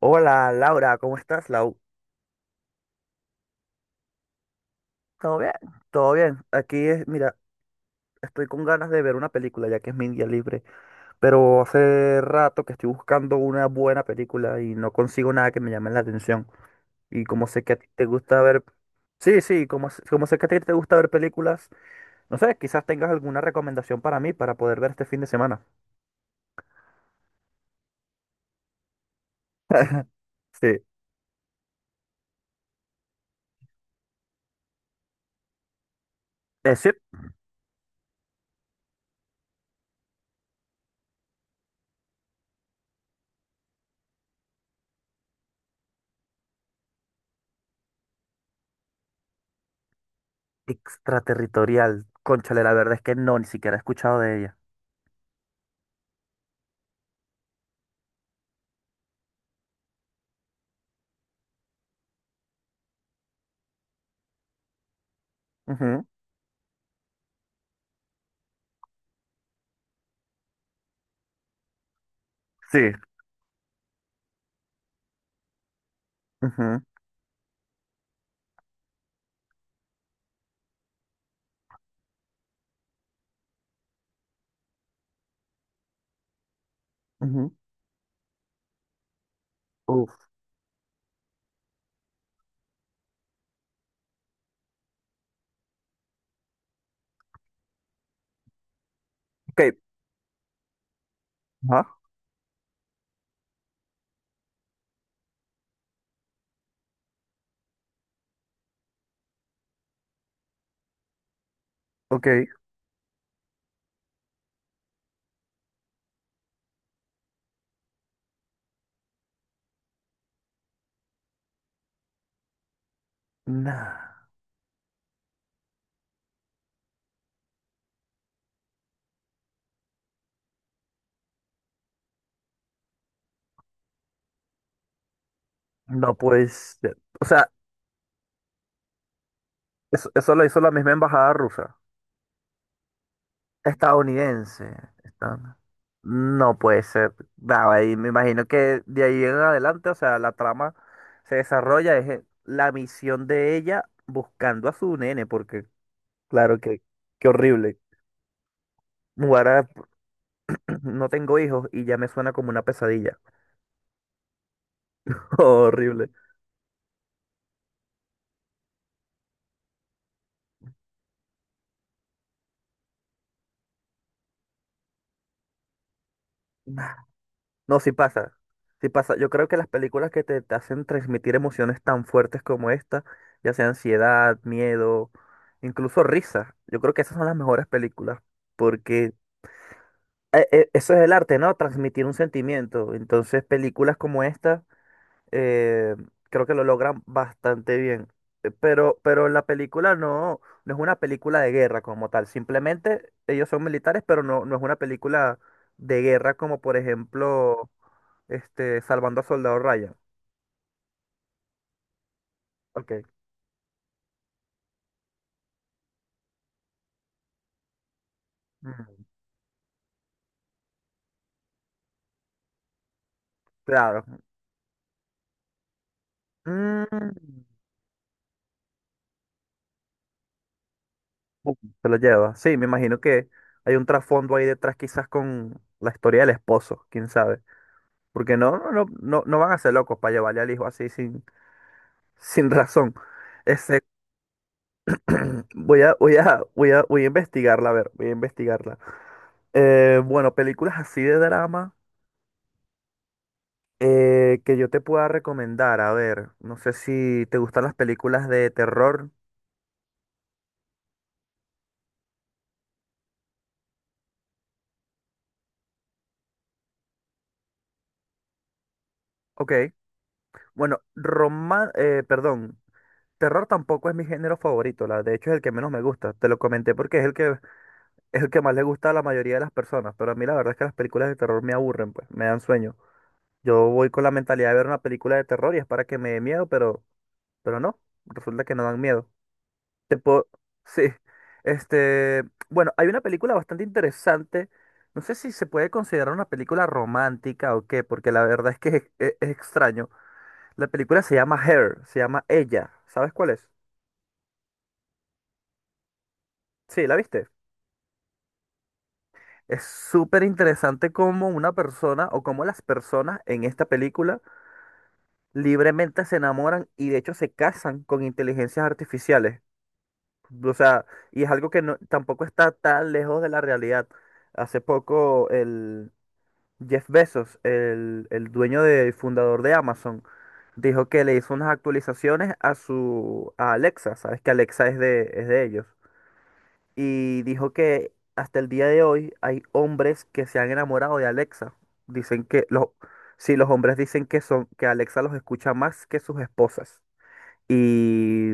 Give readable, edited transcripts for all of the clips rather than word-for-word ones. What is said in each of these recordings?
Hola Laura, ¿cómo estás, Lau? ¿Todo bien? Todo bien. Aquí es, mira, estoy con ganas de ver una película ya que es mi día libre, pero hace rato que estoy buscando una buena película y no consigo nada que me llame la atención. Y como sé que a ti te gusta ver, sí, sí, como sé que a ti te gusta ver películas, no sé, quizás tengas alguna recomendación para mí para poder ver este fin de semana. Sí, es Extraterritorial. Cónchale, la verdad es que no, ni siquiera he escuchado de ella. Ujú. Sí. Ujú, ujú. Uf. Ok. Ah, ok. Nah, no pues. O sea, eso lo hizo la misma embajada rusa. Estadounidense. Esta- No puede ser. Nada, ahí me imagino que de ahí en adelante, o sea, la trama se desarrolla, es la misión de ella buscando a su nene, porque claro que, qué horrible. Ahora no tengo hijos y ya me suena como una pesadilla. Horrible. No, sí pasa. Sí pasa. Yo creo que las películas que te hacen transmitir emociones tan fuertes como esta, ya sea ansiedad, miedo, incluso risa, yo creo que esas son las mejores películas, porque eso es el arte, ¿no? Transmitir un sentimiento. Entonces, películas como esta, eh, creo que lo logran bastante bien. Pero la película no es una película de guerra como tal. Simplemente ellos son militares, pero no es una película de guerra como por ejemplo Salvando a Soldado Ryan. Ok. Mm, claro. Mm, pum, se lo lleva. Sí, me imagino que hay un trasfondo ahí detrás quizás con la historia del esposo, quién sabe. Porque no, no, no, no no van a ser locos para llevarle al hijo así sin, sin razón. Ese, Voy a investigarla, a ver, voy a investigarla. Bueno, películas así de drama, que yo te pueda recomendar, a ver, no sé si te gustan las películas de terror. Ok, bueno, perdón, terror tampoco es mi género favorito, de hecho es el que menos me gusta, te lo comenté porque es el que más le gusta a la mayoría de las personas, pero a mí la verdad es que las películas de terror me aburren, pues, me dan sueño. Yo voy con la mentalidad de ver una película de terror y es para que me dé miedo, pero, no, resulta que no dan miedo. Te puedo... Sí. Este, bueno, hay una película bastante interesante. No sé si se puede considerar una película romántica o qué, porque la verdad es que es extraño. La película se llama Her, se llama Ella. ¿Sabes cuál es? Sí, ¿la viste? Es súper interesante cómo una persona o cómo las personas en esta película libremente se enamoran y de hecho se casan con inteligencias artificiales. O sea, y es algo que tampoco está tan lejos de la realidad. Hace poco Jeff Bezos, el dueño de, fundador de Amazon, dijo que le hizo unas actualizaciones a su a Alexa, sabes que Alexa es de, ellos. Y dijo que hasta el día de hoy hay hombres que se han enamorado de Alexa. Dicen que los, sí, los hombres dicen que Alexa los escucha más que sus esposas. Y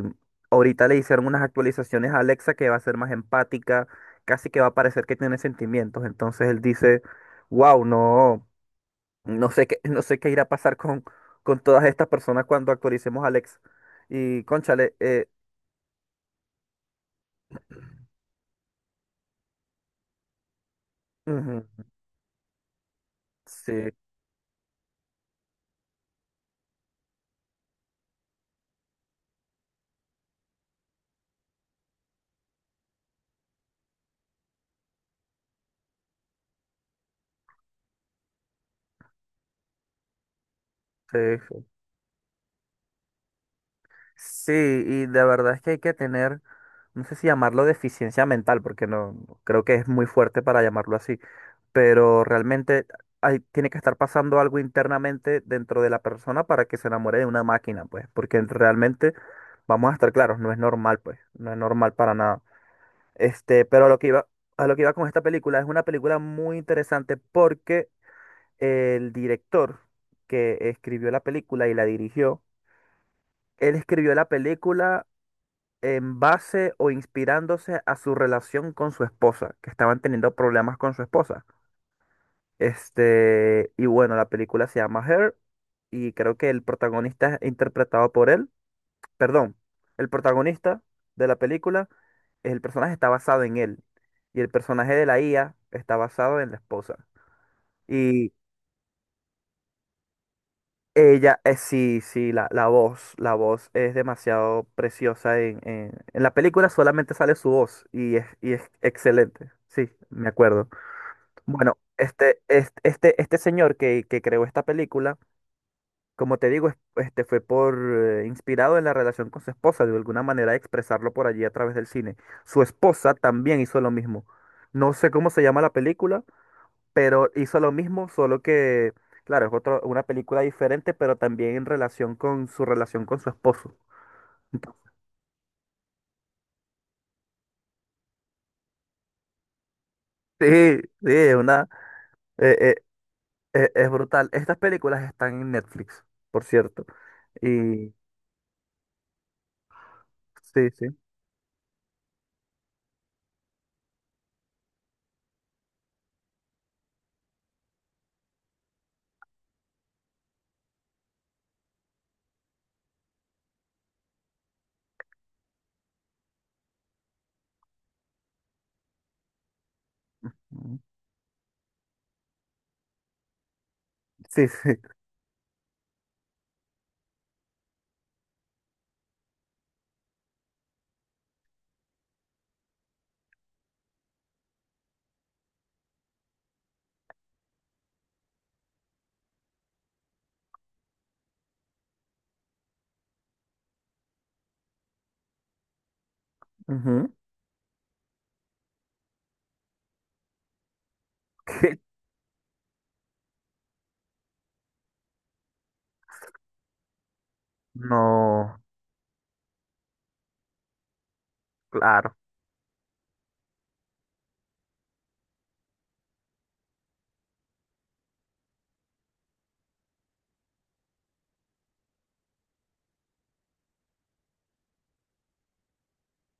ahorita le hicieron unas actualizaciones a Alexa que va a ser más empática, casi que va a parecer que tiene sentimientos. Entonces él dice, wow, no. No sé qué irá a pasar con todas estas personas cuando actualicemos Alex. Y cónchale, ujú, sí, sí, sí. Sí, y la verdad es que hay que tener, no sé si llamarlo deficiencia mental, porque no no creo que es muy fuerte para llamarlo así, pero realmente hay, tiene que estar pasando algo internamente dentro de la persona para que se enamore de una máquina, pues, porque realmente, vamos a estar claros, no es normal, pues, no es normal para nada. Pero a lo que iba con esta película, es una película muy interesante porque el director que escribió la película y la dirigió, él escribió la película en base o inspirándose a su relación con su esposa, que estaban teniendo problemas con su esposa. Y bueno, la película se llama Her y creo que el protagonista es interpretado por él. Perdón, el protagonista de la película, el personaje está basado en él. Y el personaje de la IA está basado en la esposa. Y ella, sí, sí, la voz es demasiado preciosa. En la película solamente sale su voz y es excelente. Sí, me acuerdo. Bueno, este señor que creó esta película, como te digo, este fue por inspirado en la relación con su esposa, de alguna manera expresarlo por allí a través del cine. Su esposa también hizo lo mismo. No sé cómo se llama la película, pero hizo lo mismo, solo que, claro, es otra, una película diferente, pero también en relación con su esposo. Sí, sí, es una, eh, eh, es brutal. Estas películas están en Netflix, por cierto. Y sí, sí. Ujú. Sí, sí. Ujú. No, claro.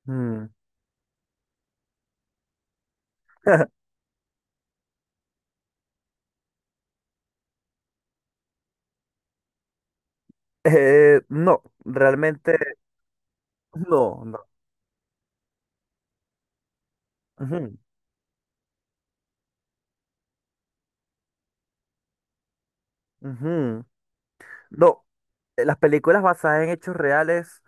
Mm. No, realmente no, no. Ujú, ujú. No, las películas basadas en hechos reales,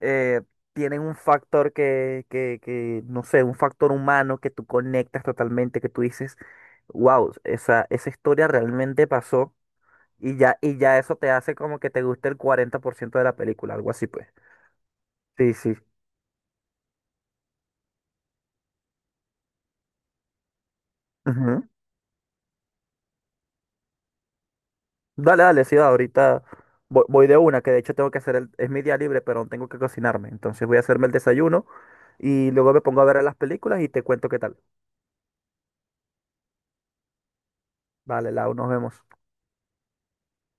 eh, tienen un factor que, no sé, un factor humano que tú conectas totalmente, que tú dices, wow, esa historia realmente pasó y ya eso te hace como que te guste el 40% de la película, algo así pues. Sí, sí. Dale, dale, sí, va, ahorita voy, de una, que de hecho tengo que hacer el, es mi día libre, pero tengo que cocinarme. Entonces voy a hacerme el desayuno y luego me pongo a ver las películas y te cuento qué tal. Vale, Lau, nos vemos.